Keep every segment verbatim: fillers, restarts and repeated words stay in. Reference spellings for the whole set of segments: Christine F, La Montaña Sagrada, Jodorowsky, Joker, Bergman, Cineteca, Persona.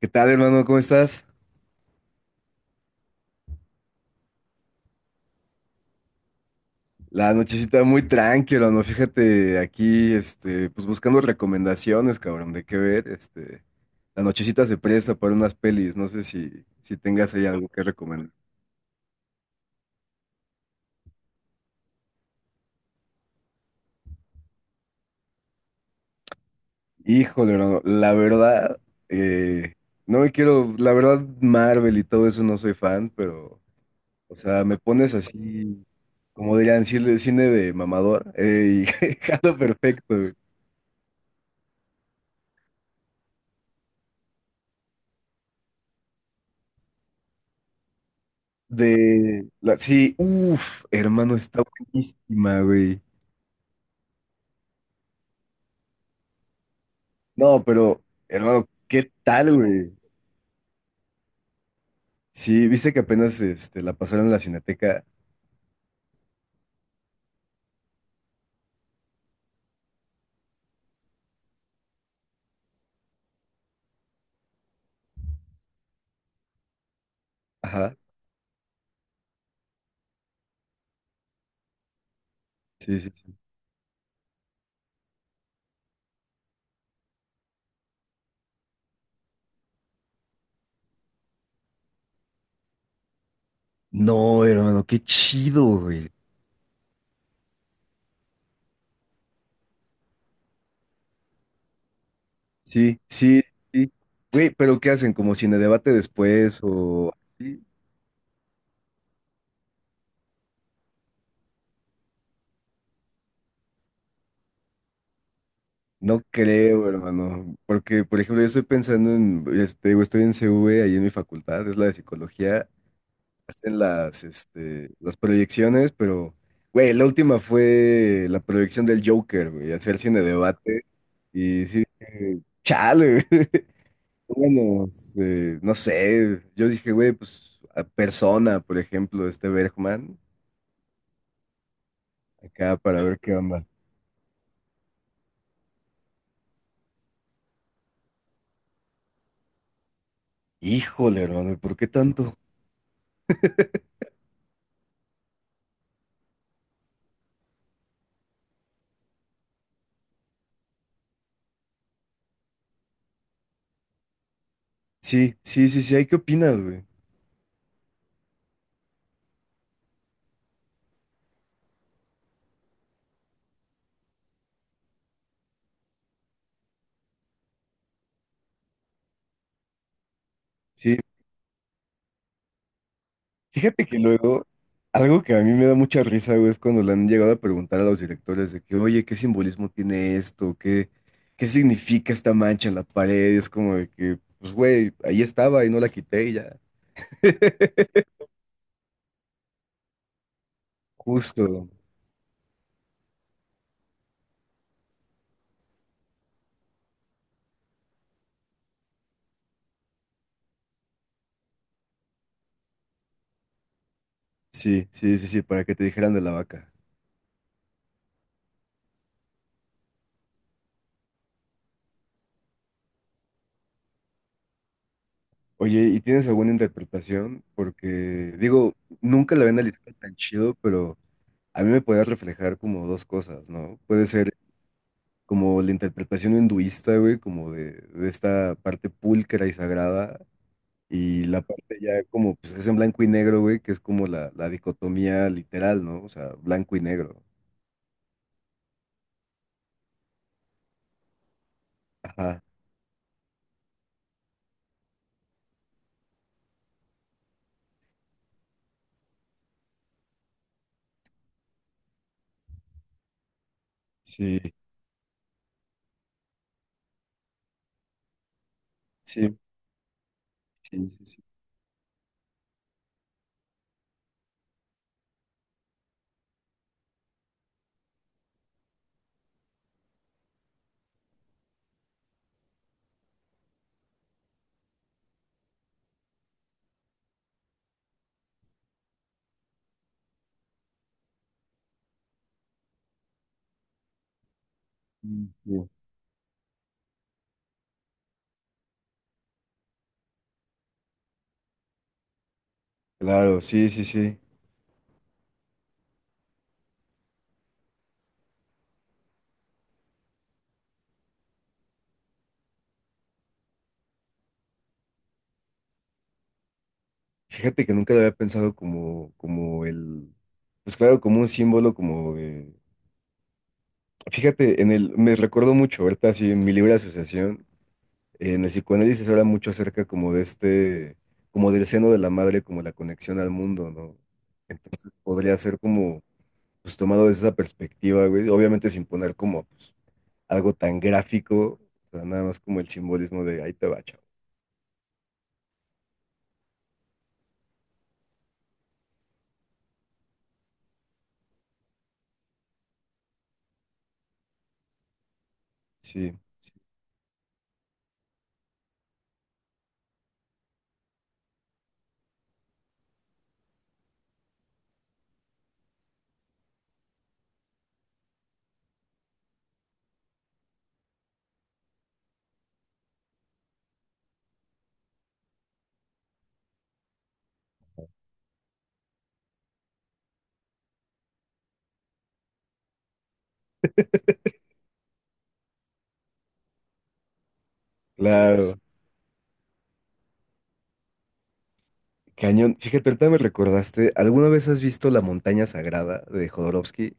¿Qué tal, hermano? ¿Cómo estás? La nochecita muy tranquila, ¿no? Fíjate, aquí, este, pues buscando recomendaciones, cabrón, de qué ver, este, la nochecita se presta para unas pelis, no sé si, si tengas ahí algo que recomendar. Híjole, hermano, la verdad, eh, no me quiero, la verdad, Marvel y todo eso no soy fan, pero, o sea, me pones así, como dirían, cine cine de mamador, eh, y jalo perfecto. De la, sí, uff, hermano, está buenísima, güey. No, pero, hermano, ¿qué tal, güey? Sí, viste que apenas este, la pasaron en la Cineteca. Ajá, sí, sí, sí. No, hermano, qué chido, güey. Sí, sí, sí. Güey, pero ¿qué hacen? ¿Como cine debate después o así? No creo, hermano. Porque, por ejemplo, yo estoy pensando en, este, güey, estoy en C V, ahí en mi facultad, es la de psicología. Hacen las, este, las proyecciones, pero, güey, la última fue la proyección del Joker, güey, hacer cine debate. Y sí, eh, chale, güey. Pónganos, eh, no sé, yo dije, güey, pues a Persona, por ejemplo, este Bergman, acá para ver qué onda. Híjole, hermano, ¿por qué tanto? Sí, sí, sí, sí, ¿hay qué opinas, güey? Sí. Fíjate que luego, algo que a mí me da mucha risa, güey, es cuando le han llegado a preguntar a los directores de que, oye, ¿qué simbolismo tiene esto? ¿Qué, qué significa esta mancha en la pared? Y es como de que, pues, güey, ahí estaba y no la quité y ya. Justo. Sí, sí, sí, sí, para que te dijeran de la vaca. Oye, ¿y tienes alguna interpretación? Porque, digo, nunca la había analizado tan chido, pero a mí me puede reflejar como dos cosas, ¿no? Puede ser como la interpretación hinduista, güey, como de, de esta parte pulcra y sagrada, y la parte ya como, pues es en blanco y negro, güey, que es como la, la dicotomía literal, ¿no? O sea, blanco y negro. Ajá, sí, sí, sí, sí, sí. Sí, sí. Claro, sí, sí, sí. Fíjate que nunca lo había pensado como, como el, pues claro, como un símbolo, como de- Fíjate, en el, me recuerdo mucho, ahorita así en mi libre asociación, en el psicoanálisis se habla mucho acerca como de este, como del seno de la madre, como la conexión al mundo, ¿no? Entonces podría ser como, pues tomado desde esa perspectiva, güey, obviamente sin poner como pues, algo tan gráfico, pero nada más como el simbolismo de ahí te va, chavo. Sí, sí, claro. Cañón. Fíjate, ahorita me recordaste, ¿alguna vez has visto La Montaña Sagrada de Jodorowsky?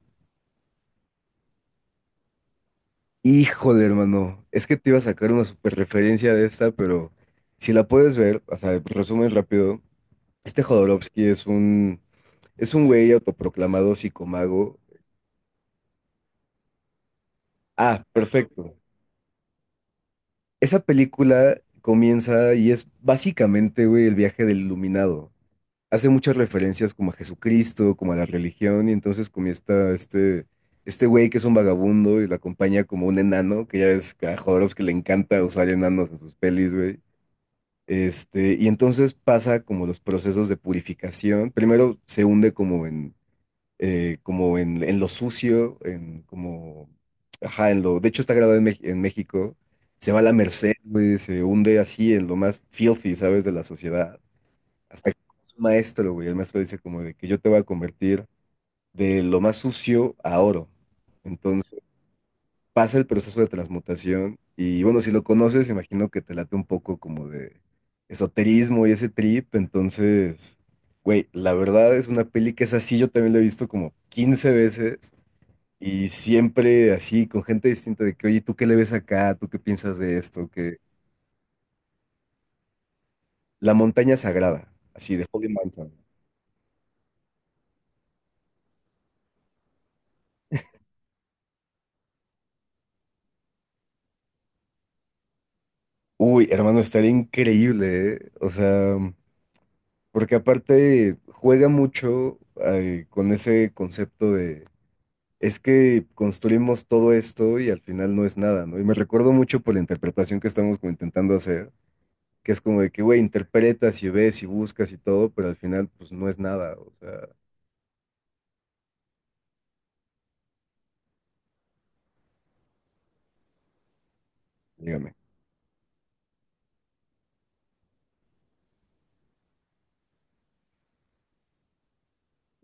Híjole, hermano, es que te iba a sacar una super referencia de esta, pero si la puedes ver, o sea, resumen rápido, este Jodorowsky es un, es un güey autoproclamado psicomago. Ah, perfecto. Esa película comienza y es básicamente, güey, el viaje del iluminado. Hace muchas referencias como a Jesucristo, como a la religión, y entonces comienza este, este güey que es un vagabundo y lo acompaña como un enano, que ya ves que a Jodorowsky le encanta usar enanos en sus pelis, güey. Este, y entonces pasa como los procesos de purificación. Primero se hunde como en eh, como en, en lo sucio, en como, ajá, en lo, de hecho está grabado en, Mex- en México, se va a la merced, güey, se hunde así en lo más filthy, ¿sabes? De la sociedad. Hasta que un maestro, güey, el maestro dice como de que yo te voy a convertir de lo más sucio a oro. Entonces pasa el proceso de transmutación y bueno, si lo conoces, imagino que te late un poco como de esoterismo y ese trip, entonces... Güey, la verdad es una peli que es así, yo también la he visto como quince veces y siempre así, con gente distinta de que, oye, ¿tú qué le ves acá? ¿Tú qué piensas de esto? Que la montaña sagrada, así, de Holy Mountain. Uy, hermano, estaría increíble, ¿eh? O sea, porque aparte juega mucho eh, con ese concepto de, es que construimos todo esto y al final no es nada, ¿no? Y me recuerdo mucho por la interpretación que estamos como intentando hacer, que es como de que, güey, interpretas y ves y buscas y todo, pero al final, pues no es nada, o sea, dígame.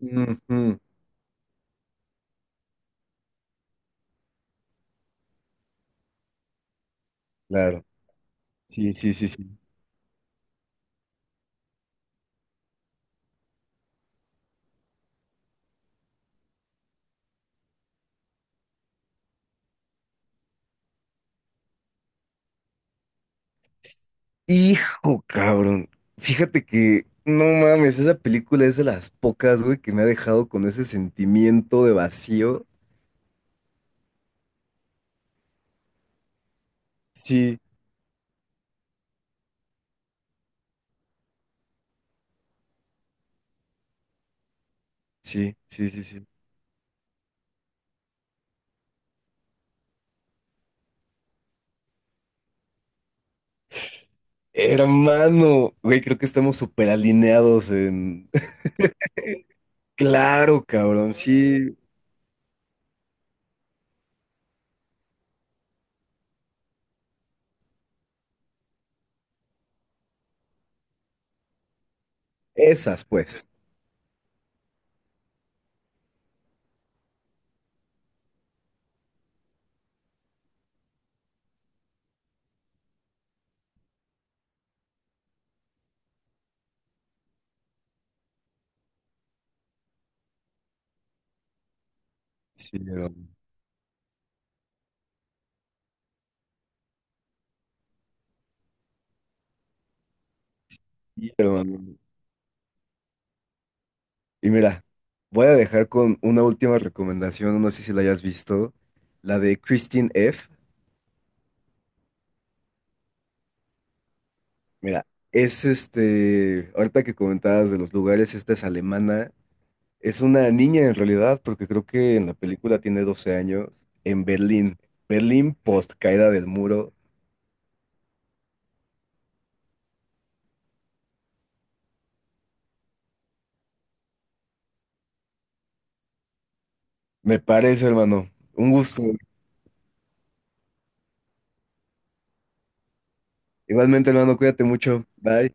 Ujú. Claro. Sí, sí, sí, sí. Hijo, cabrón. Fíjate que, no mames, esa película es de las pocas, güey, que me ha dejado con ese sentimiento de vacío. Sí, sí, sí, sí, sí. Hermano, güey, creo que estamos súper alineados en... Claro, cabrón, sí, esas pues. Sí, hermano. Sí, hermano. Y mira, voy a dejar con una última recomendación, no sé si la hayas visto, la de Christine F. Mira, es este, ahorita que comentabas de los lugares, esta es alemana, es una niña en realidad, porque creo que en la película tiene doce años, en Berlín, Berlín post caída del muro, me parece, hermano, un gusto. Igualmente, hermano, cuídate mucho, bye.